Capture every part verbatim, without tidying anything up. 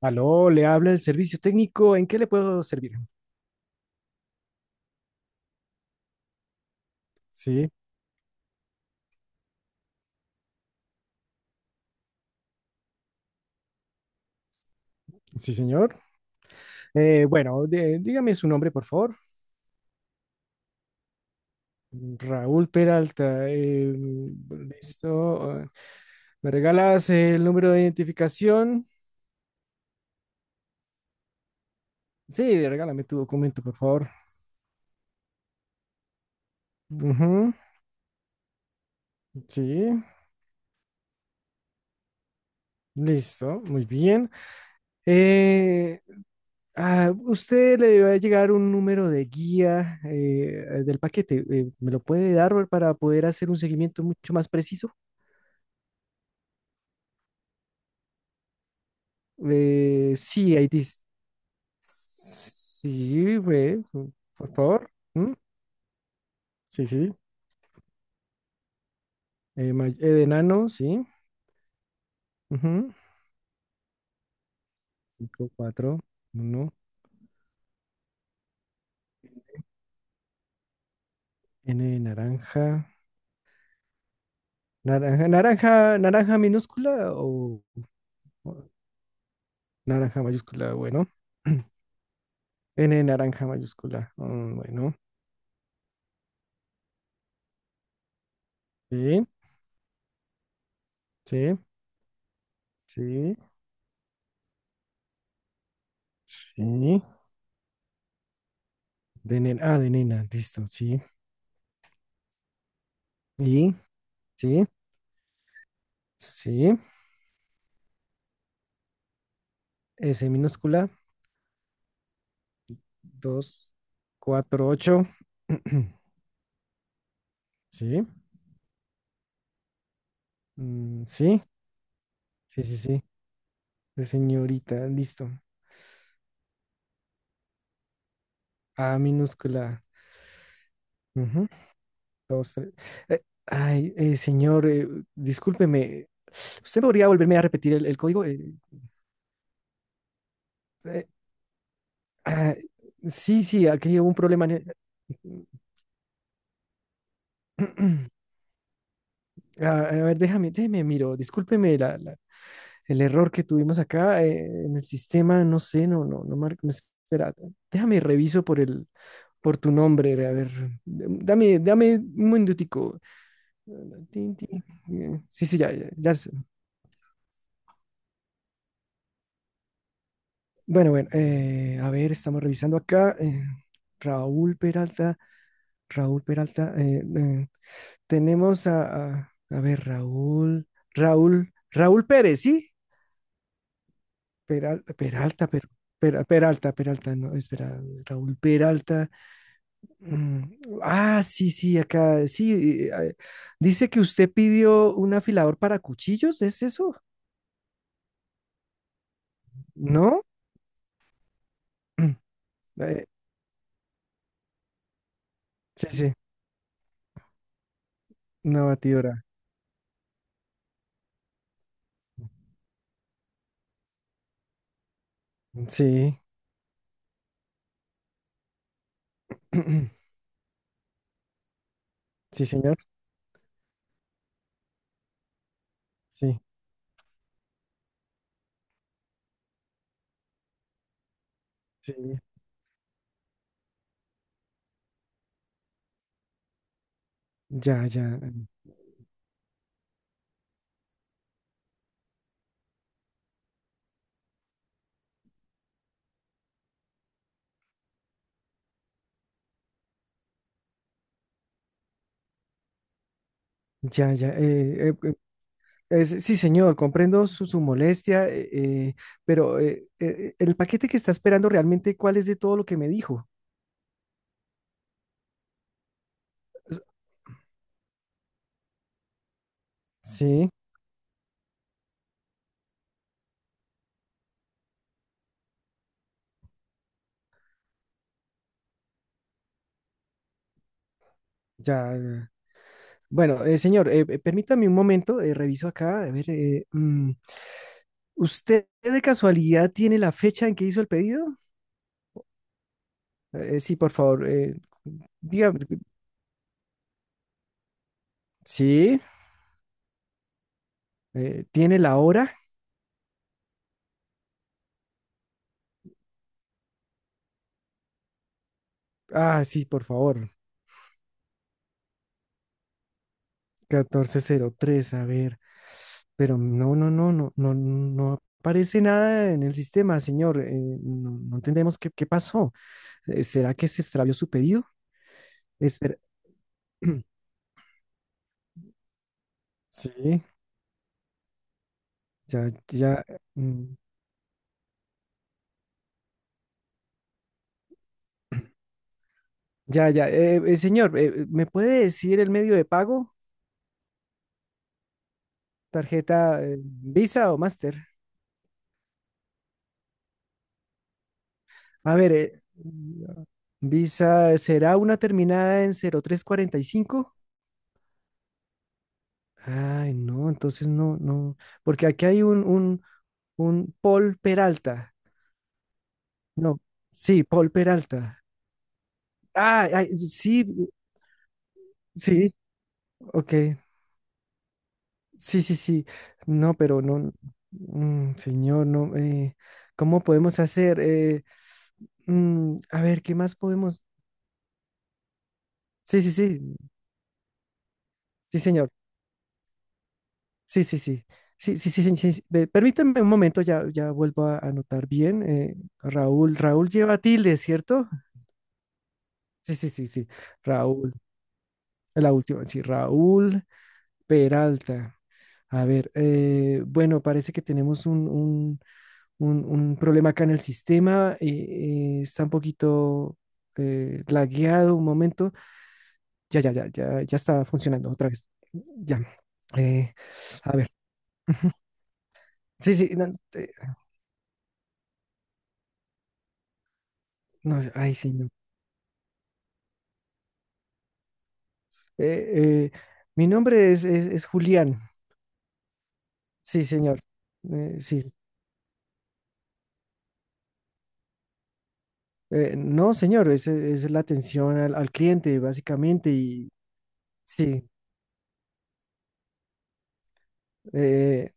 Aló, le habla el servicio técnico. ¿En qué le puedo servir? Sí, sí, señor. Eh, bueno, de- dígame su nombre, por favor. Raúl Peralta. Eh, listo. eh, ¿Me regalas el número de identificación? Sí, regálame tu documento, por favor. Ujú. Sí, listo. Muy bien. Eh, ah, Usted le va a llegar un número de guía eh, del paquete. Eh, ¿me lo puede dar para poder hacer un seguimiento mucho más preciso? Eh, sí, Haití. Sí, güey, por favor. ¿Mm? Sí, sí, sí. Eh, may- E de enano, sí. Ujú. Cinco, cuatro, uno. N de naranja. Naranja, naranja, ¿naranja minúscula o o naranja mayúscula? Bueno. N de naranja mayúscula. Mm, bueno. Sí, sí, sí, sí. De nena, ah, de nena, listo, sí. Y, sí, sí. S minúscula. Dos, cuatro, ocho. Sí, mm, sí, sí, sí, sí. De señorita, listo. A minúscula. Ujú. Dos, tres. Eh, ay, eh, señor, eh, discúlpeme. ¿Usted podría volverme a repetir el, el código? Eh, eh, ah, sí, sí, aquí hubo un problema. en el- Ah, a ver, déjame, déjeme, miro. Discúlpeme la, la- El error que tuvimos acá eh, en el sistema, no sé, no, no, no marca. Espera, déjame reviso por el, por tu nombre, a ver. Dame, dame un minutico. Tin, tin. eh, Sí, sí, ya, ya, ya sé. Bueno, bueno, eh, a ver, estamos revisando acá. eh, Raúl Peralta, Raúl Peralta. Eh, eh, tenemos a, a, a ver, Raúl, Raúl, Raúl Pérez, ¿sí? Peral- Peralta, per- Pera- Peralta, Peralta, no, espera, Raúl Peralta. Mm. Ah, sí, sí, acá, sí. eh, eh, Dice que usted pidió un afilador para cuchillos, ¿es eso? ¿No? Mm, eh, sí, sí, una batidora. Sí, sí, señor. Sí, sí. Ya, ya, ya, ya. Eh, eh, eh, es- sí, señor, comprendo su, su molestia, eh, eh, pero eh, eh, el paquete que está esperando realmente, ¿cuál es de todo lo que me dijo? Sí, ya. Bueno, eh, señor, eh, eh, permítame un momento, eh, reviso acá, a ver, eh, mm, ¿usted de casualidad tiene la fecha en que hizo el pedido? Eh, sí, por favor, eh, dígame, sí, eh, ¿tiene la hora? Ah, sí, por favor. Catorce cero tres. A ver, pero no, no, no, no, no, no aparece nada en el sistema, señor, eh, no, no entendemos qué, qué pasó. Eh, ¿será que se extravió su pedido? Espera, sí, ya, ya. Mm. Ya, ya. Eh, eh, señor, eh, ¿me puede decir el medio de pago? ¿Tarjeta eh, Visa o Master? A ver, eh, Visa, ¿será una terminada en cero tres cuarenta y cinco? Ay, no, entonces no, no. Porque aquí hay un, un, un Paul Peralta. No, sí, Paul Peralta. Ah, ay, sí, sí, ok. Sí, sí, sí. No, pero no, mm, señor, no. Eh, ¿cómo podemos hacer? Eh, mm, a ver, ¿qué más podemos? Sí, sí, sí, sí, señor. Sí, sí, sí. Sí, sí, sí, sí, sí, sí. Ve, permítame un momento, ya, ya vuelvo a anotar bien. eh, Raúl, Raúl lleva tilde, ¿cierto? Sí, sí, sí, sí. Raúl, la última, sí, Raúl Peralta. A ver, eh, bueno, parece que tenemos un un- un, un problema acá en el sistema, eh, eh, está un poquito eh, lagueado un momento. Ya, ya, ya, ya, ya está funcionando otra vez. Ya. Eh, a ver. Sí, sí, no, eh, no ay, sí, no. Eh, eh, Mi nombre es, es, es Julián. Sí, señor. Eh, sí. Eh, no, señor, es, es la atención al, al cliente, básicamente, y sí. Eh,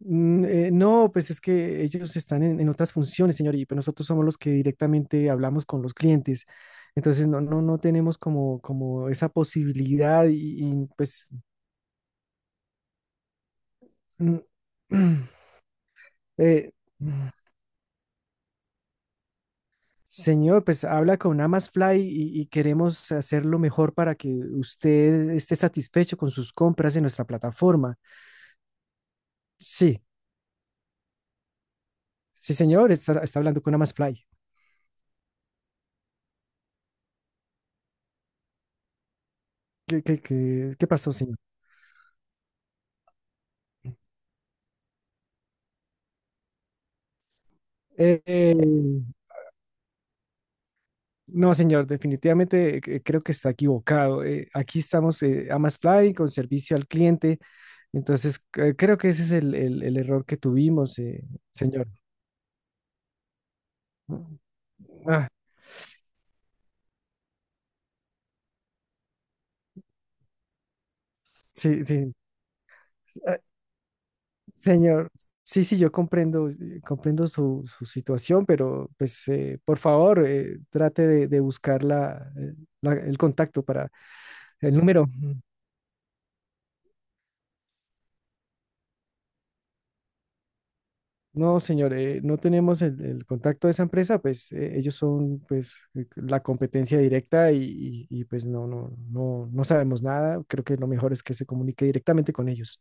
Mm, eh, no, pues es que ellos están en, en otras funciones, señor, y pues nosotros somos los que directamente hablamos con los clientes. Entonces, no, no, no tenemos como, como esa posibilidad y, y, pues, mm. eh, mm, Señor, pues habla con Amazfly y, y queremos hacer lo mejor para que usted esté satisfecho con sus compras en nuestra plataforma. Sí, sí, señor, está, está hablando con Amazfly. ¿Qué, qué, qué, qué pasó, señor? Eh, eh, No, señor, definitivamente eh, creo que está equivocado. Eh, aquí estamos eh, AmasFly con servicio al cliente. Entonces, eh, creo que ese es el, el- el error que tuvimos, eh, señor. Ah, sí, sí, ah, señor. Sí, sí, yo comprendo, eh, comprendo su, su situación, pero pues eh, por favor, eh, trate de, de buscar la, eh, la- el contacto para el número. No, señor, eh, no tenemos el, el contacto de esa empresa, pues eh, ellos son pues eh, la competencia directa y, y- y, pues no, no, no, no sabemos nada. Creo que lo mejor es que se comunique directamente con ellos.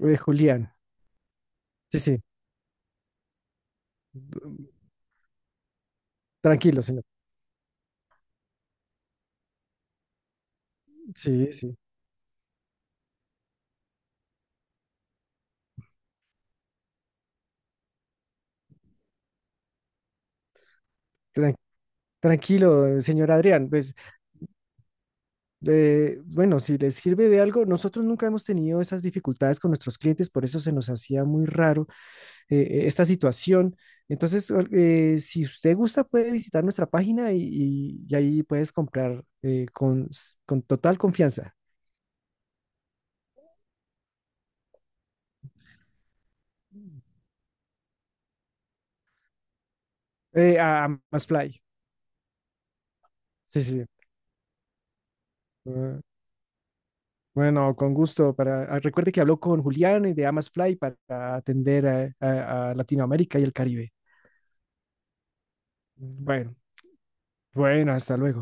Eh, Julián, sí, sí, mm, tranquilo, señor. Sí, sí, tran- tranquilo, señor Adrián. Pues eh, bueno, si les sirve de algo, nosotros nunca hemos tenido esas dificultades con nuestros clientes, por eso se nos hacía muy raro eh, e, esta situación. Entonces, eh, si usted gusta, puede visitar nuestra página y, y- y ahí puedes comprar eh, con, con total confianza. Eh, a Amazfly. Sí, sí, sí. Ah, bueno, con gusto. Para, ah, recuerde que habló con Julián eh, de Amazfly para atender a a- a Latinoamérica y el Caribe. Bueno, bueno, hasta luego.